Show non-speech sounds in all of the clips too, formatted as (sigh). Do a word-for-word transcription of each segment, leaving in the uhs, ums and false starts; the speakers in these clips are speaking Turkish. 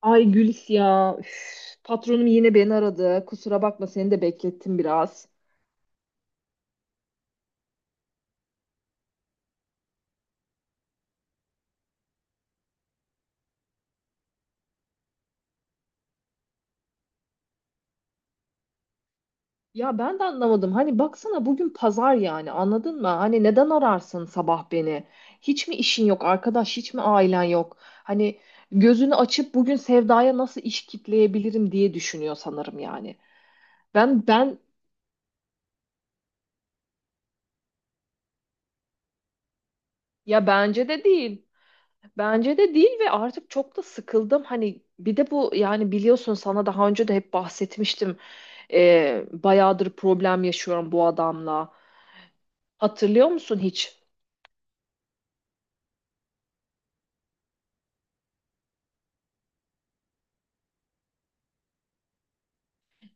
Ay Gülis ya. Üf, patronum yine beni aradı. Kusura bakma seni de beklettim biraz. Ya ben de anlamadım. Hani baksana bugün pazar, yani anladın mı? Hani neden ararsın sabah beni? Hiç mi işin yok arkadaş? Hiç mi ailen yok? Hani gözünü açıp bugün Sevda'ya nasıl iş kitleyebilirim diye düşünüyor sanırım yani. Ben ben Ya bence de değil. Bence de değil ve artık çok da sıkıldım. Hani bir de bu, yani biliyorsun, sana daha önce de hep bahsetmiştim. Ee, bayağıdır problem yaşıyorum bu adamla. Hatırlıyor musun hiç?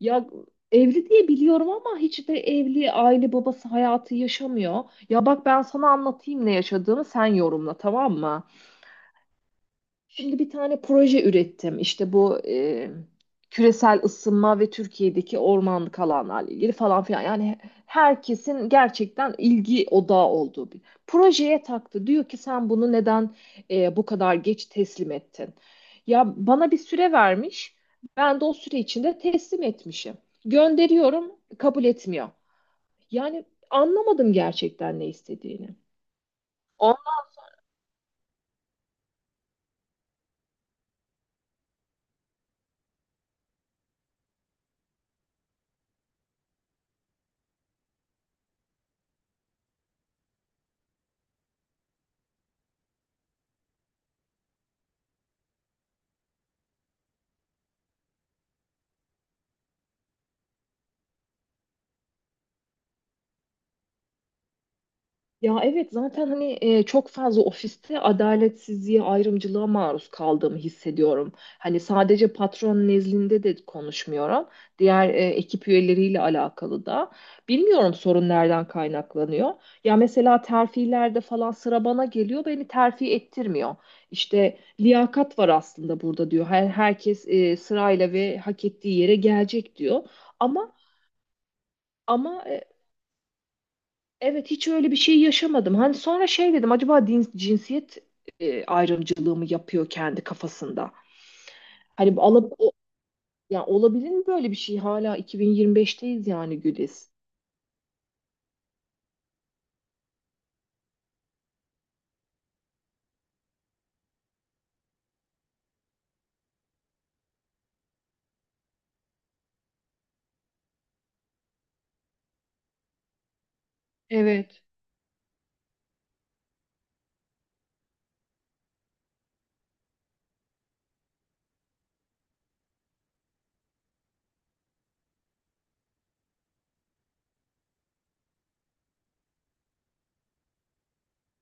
Ya evli diye biliyorum ama hiç de evli aile babası hayatı yaşamıyor. Ya bak ben sana anlatayım ne yaşadığımı, sen yorumla, tamam mı? Şimdi bir tane proje ürettim. İşte bu e, küresel ısınma ve Türkiye'deki ormanlık alanlarla ilgili falan filan. Yani herkesin gerçekten ilgi odağı olduğu bir projeye taktı. Diyor ki sen bunu neden e, bu kadar geç teslim ettin? Ya bana bir süre vermiş. Ben de o süre içinde teslim etmişim. Gönderiyorum, kabul etmiyor. Yani anlamadım gerçekten ne istediğini. Ya evet, zaten hani e, çok fazla ofiste adaletsizliğe, ayrımcılığa maruz kaldığımı hissediyorum. Hani sadece patron nezdinde de konuşmuyorum. Diğer e, ekip üyeleriyle alakalı da. Bilmiyorum sorun nereden kaynaklanıyor. Ya mesela terfilerde falan sıra bana geliyor, beni terfi ettirmiyor. İşte liyakat var aslında burada diyor. Her, herkes e, sırayla ve hak ettiği yere gelecek diyor. Ama ama Evet, hiç öyle bir şey yaşamadım. Hani sonra şey dedim, acaba din- cinsiyet e, ayrımcılığı mı yapıyor kendi kafasında? Hani bu ala- o, yani olabilir mi böyle bir şey? Hala iki bin yirmi beşteyiz yani, Güliz. Evet.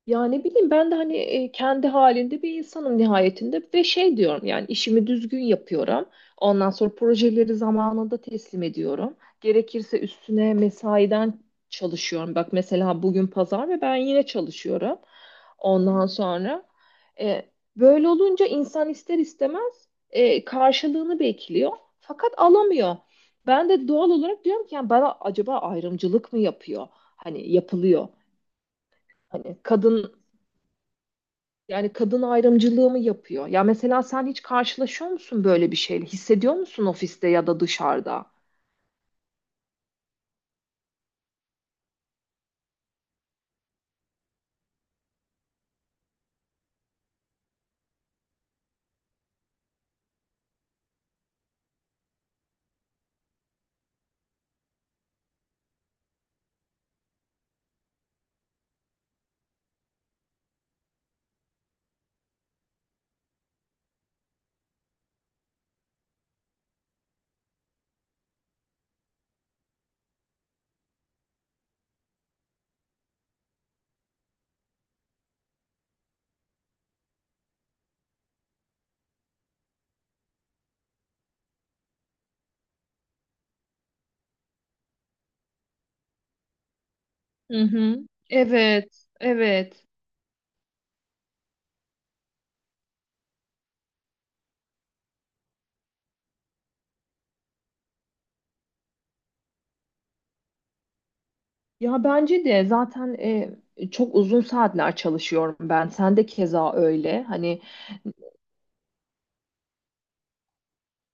Ya ne bileyim, ben de hani e, kendi halinde bir insanım nihayetinde ve şey diyorum, yani işimi düzgün yapıyorum. Ondan sonra projeleri zamanında teslim ediyorum. Gerekirse üstüne mesaiden çalışıyorum. Bak mesela bugün pazar ve ben yine çalışıyorum. Ondan sonra e, böyle olunca insan ister istemez e, karşılığını bekliyor fakat alamıyor. Ben de doğal olarak diyorum ki yani bana acaba ayrımcılık mı yapıyor? Hani yapılıyor. Hani kadın, yani kadın ayrımcılığı mı yapıyor? Ya mesela sen hiç karşılaşıyor musun böyle bir şeyle? Hissediyor musun ofiste ya da dışarıda? Hı hı. Evet, evet. Ya bence de zaten e, çok uzun saatler çalışıyorum ben. Sen de keza öyle, hani.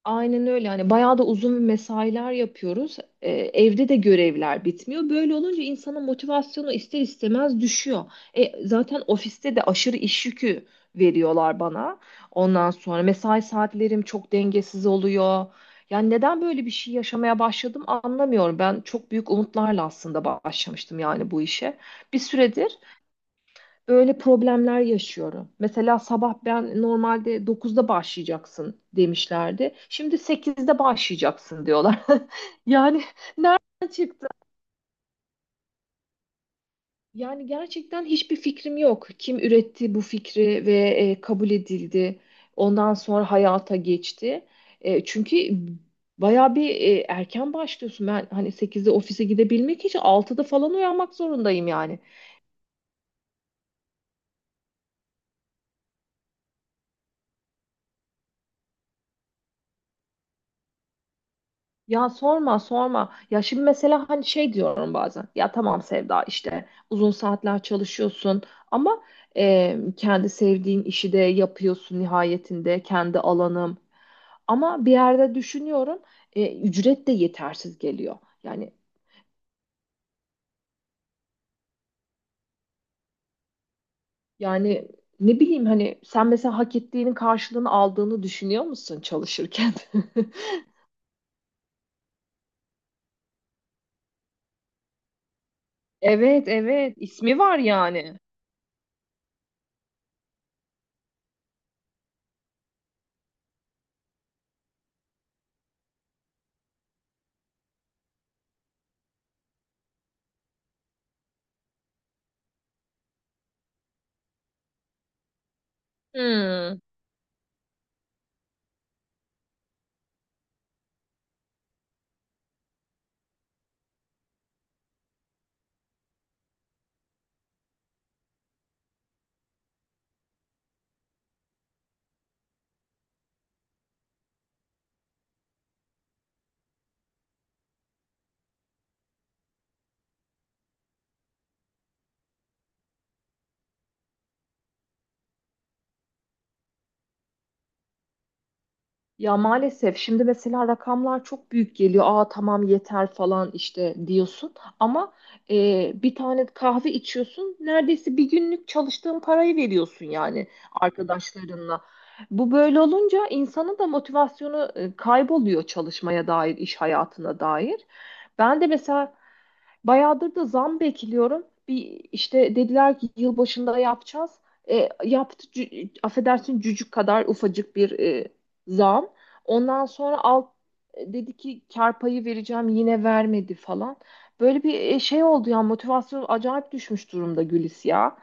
Aynen öyle. Hani bayağı da uzun mesailer yapıyoruz. Ee, evde de görevler bitmiyor. Böyle olunca insanın motivasyonu ister istemez düşüyor. E, zaten ofiste de aşırı iş yükü veriyorlar bana. Ondan sonra mesai saatlerim çok dengesiz oluyor. Yani neden böyle bir şey yaşamaya başladım anlamıyorum. Ben çok büyük umutlarla aslında başlamıştım yani bu işe. Bir süredir böyle problemler yaşıyorum. Mesela sabah ben normalde dokuzda başlayacaksın demişlerdi. Şimdi sekizde başlayacaksın diyorlar. (laughs) Yani çıktı. Yani gerçekten hiçbir fikrim yok. Kim üretti bu fikri ve e, kabul edildi. Ondan sonra hayata geçti. E, çünkü bayağı bir e, erken başlıyorsun. Ben hani sekizde ofise gidebilmek için altıda falan uyanmak zorundayım yani. Ya sorma sorma. Ya şimdi mesela hani şey diyorum bazen. Ya tamam Sevda, işte uzun saatler çalışıyorsun ama e, kendi sevdiğin işi de yapıyorsun nihayetinde, kendi alanım. Ama bir yerde düşünüyorum, e, ücret de yetersiz geliyor. Yani yani, ne bileyim hani, sen mesela hak ettiğinin karşılığını aldığını düşünüyor musun çalışırken? (laughs) Evet evet, ismi var yani. Hmm. Ya maalesef şimdi mesela rakamlar çok büyük geliyor. Aa tamam yeter falan işte diyorsun. Ama e, bir tane kahve içiyorsun. Neredeyse bir günlük çalıştığın parayı veriyorsun yani, arkadaşlarınla. Bu böyle olunca insanın da motivasyonu e, kayboluyor çalışmaya dair, iş hayatına dair. Ben de mesela bayağıdır da zam bekliyorum. Bir, işte dediler ki yılbaşında yapacağız. E, yaptı cü- affedersin cücük kadar ufacık bir e, zam. Ondan sonra alt e, dedi ki kar payı vereceğim, yine vermedi falan. Böyle bir e, şey oldu ya, motivasyon acayip düşmüş durumda Gülis ya.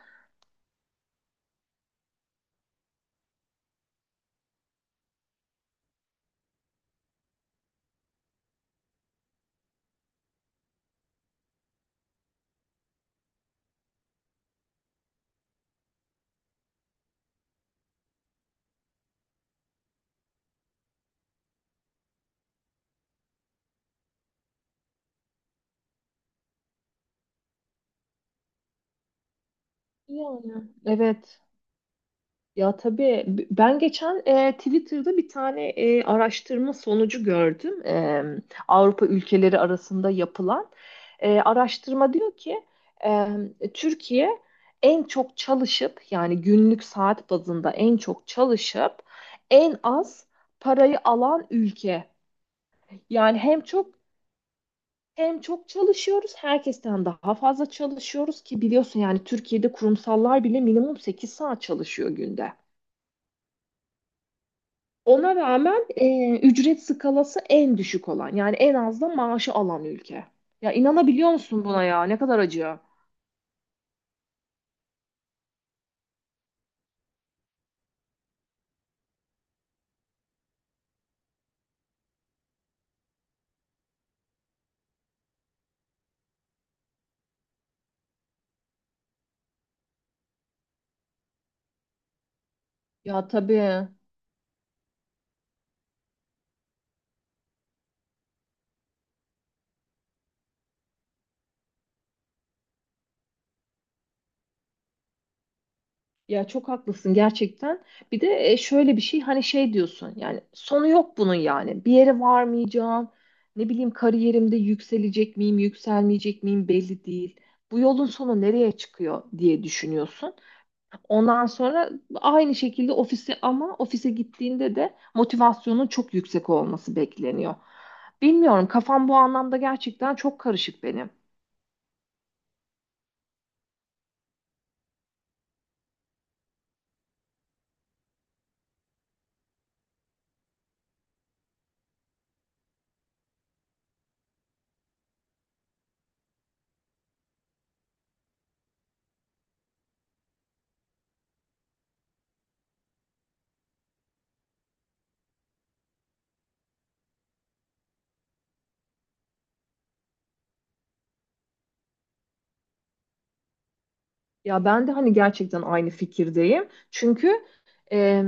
Yani. Evet. Ya tabii, b- ben geçen e, Twitter'da bir tane e, araştırma sonucu gördüm. E, Avrupa ülkeleri arasında yapılan E, araştırma diyor ki e, Türkiye en çok çalışıp, yani günlük saat bazında en çok çalışıp en az parayı alan ülke. Yani hem çok hem çok çalışıyoruz, herkesten daha fazla çalışıyoruz ki biliyorsun, yani Türkiye'de kurumsallar bile minimum sekiz saat çalışıyor günde. Ona rağmen e, ücret skalası en düşük olan, yani en az da maaşı alan ülke. Ya inanabiliyor musun buna ya? Ne kadar acı. Ya tabii. Ya çok haklısın gerçekten. Bir de e, şöyle bir şey, hani şey diyorsun, yani sonu yok bunun yani. Bir yere varmayacağım. Ne bileyim kariyerimde yükselecek miyim, yükselmeyecek miyim belli değil. Bu yolun sonu nereye çıkıyor diye düşünüyorsun. Ondan sonra aynı şekilde ofise ama ofise gittiğinde de motivasyonun çok yüksek olması bekleniyor. Bilmiyorum, kafam bu anlamda gerçekten çok karışık benim. Ya ben de hani gerçekten aynı fikirdeyim. Çünkü e,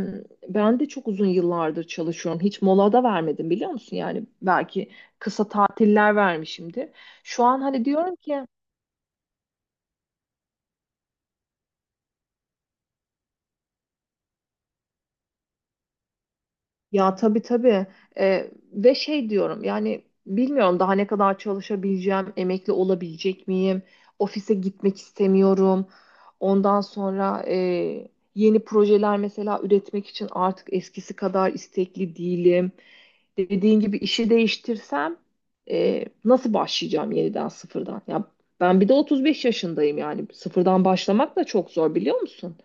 ben de çok uzun yıllardır çalışıyorum. Hiç mola da vermedim, biliyor musun? Yani belki kısa tatiller vermişimdir. Şu an hani diyorum ki. Ya tabii tabii. Ee, ve şey diyorum yani, bilmiyorum daha ne kadar çalışabileceğim, emekli olabilecek miyim, ofise gitmek istemiyorum. Ondan sonra e, yeni projeler mesela üretmek için artık eskisi kadar istekli değilim. Dediğin gibi işi değiştirsem, e, nasıl başlayacağım yeniden sıfırdan? Ya ben bir de otuz beş yaşındayım, yani sıfırdan başlamak da çok zor, biliyor musun?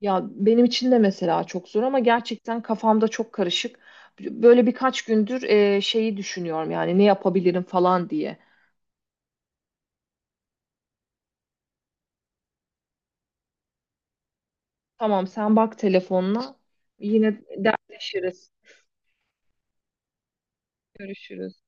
Ya benim için de mesela çok zor ama gerçekten kafamda çok karışık. Böyle birkaç gündür e, şeyi düşünüyorum yani, ne yapabilirim falan diye. Tamam sen bak telefonla, yine dertleşiriz, görüşürüz.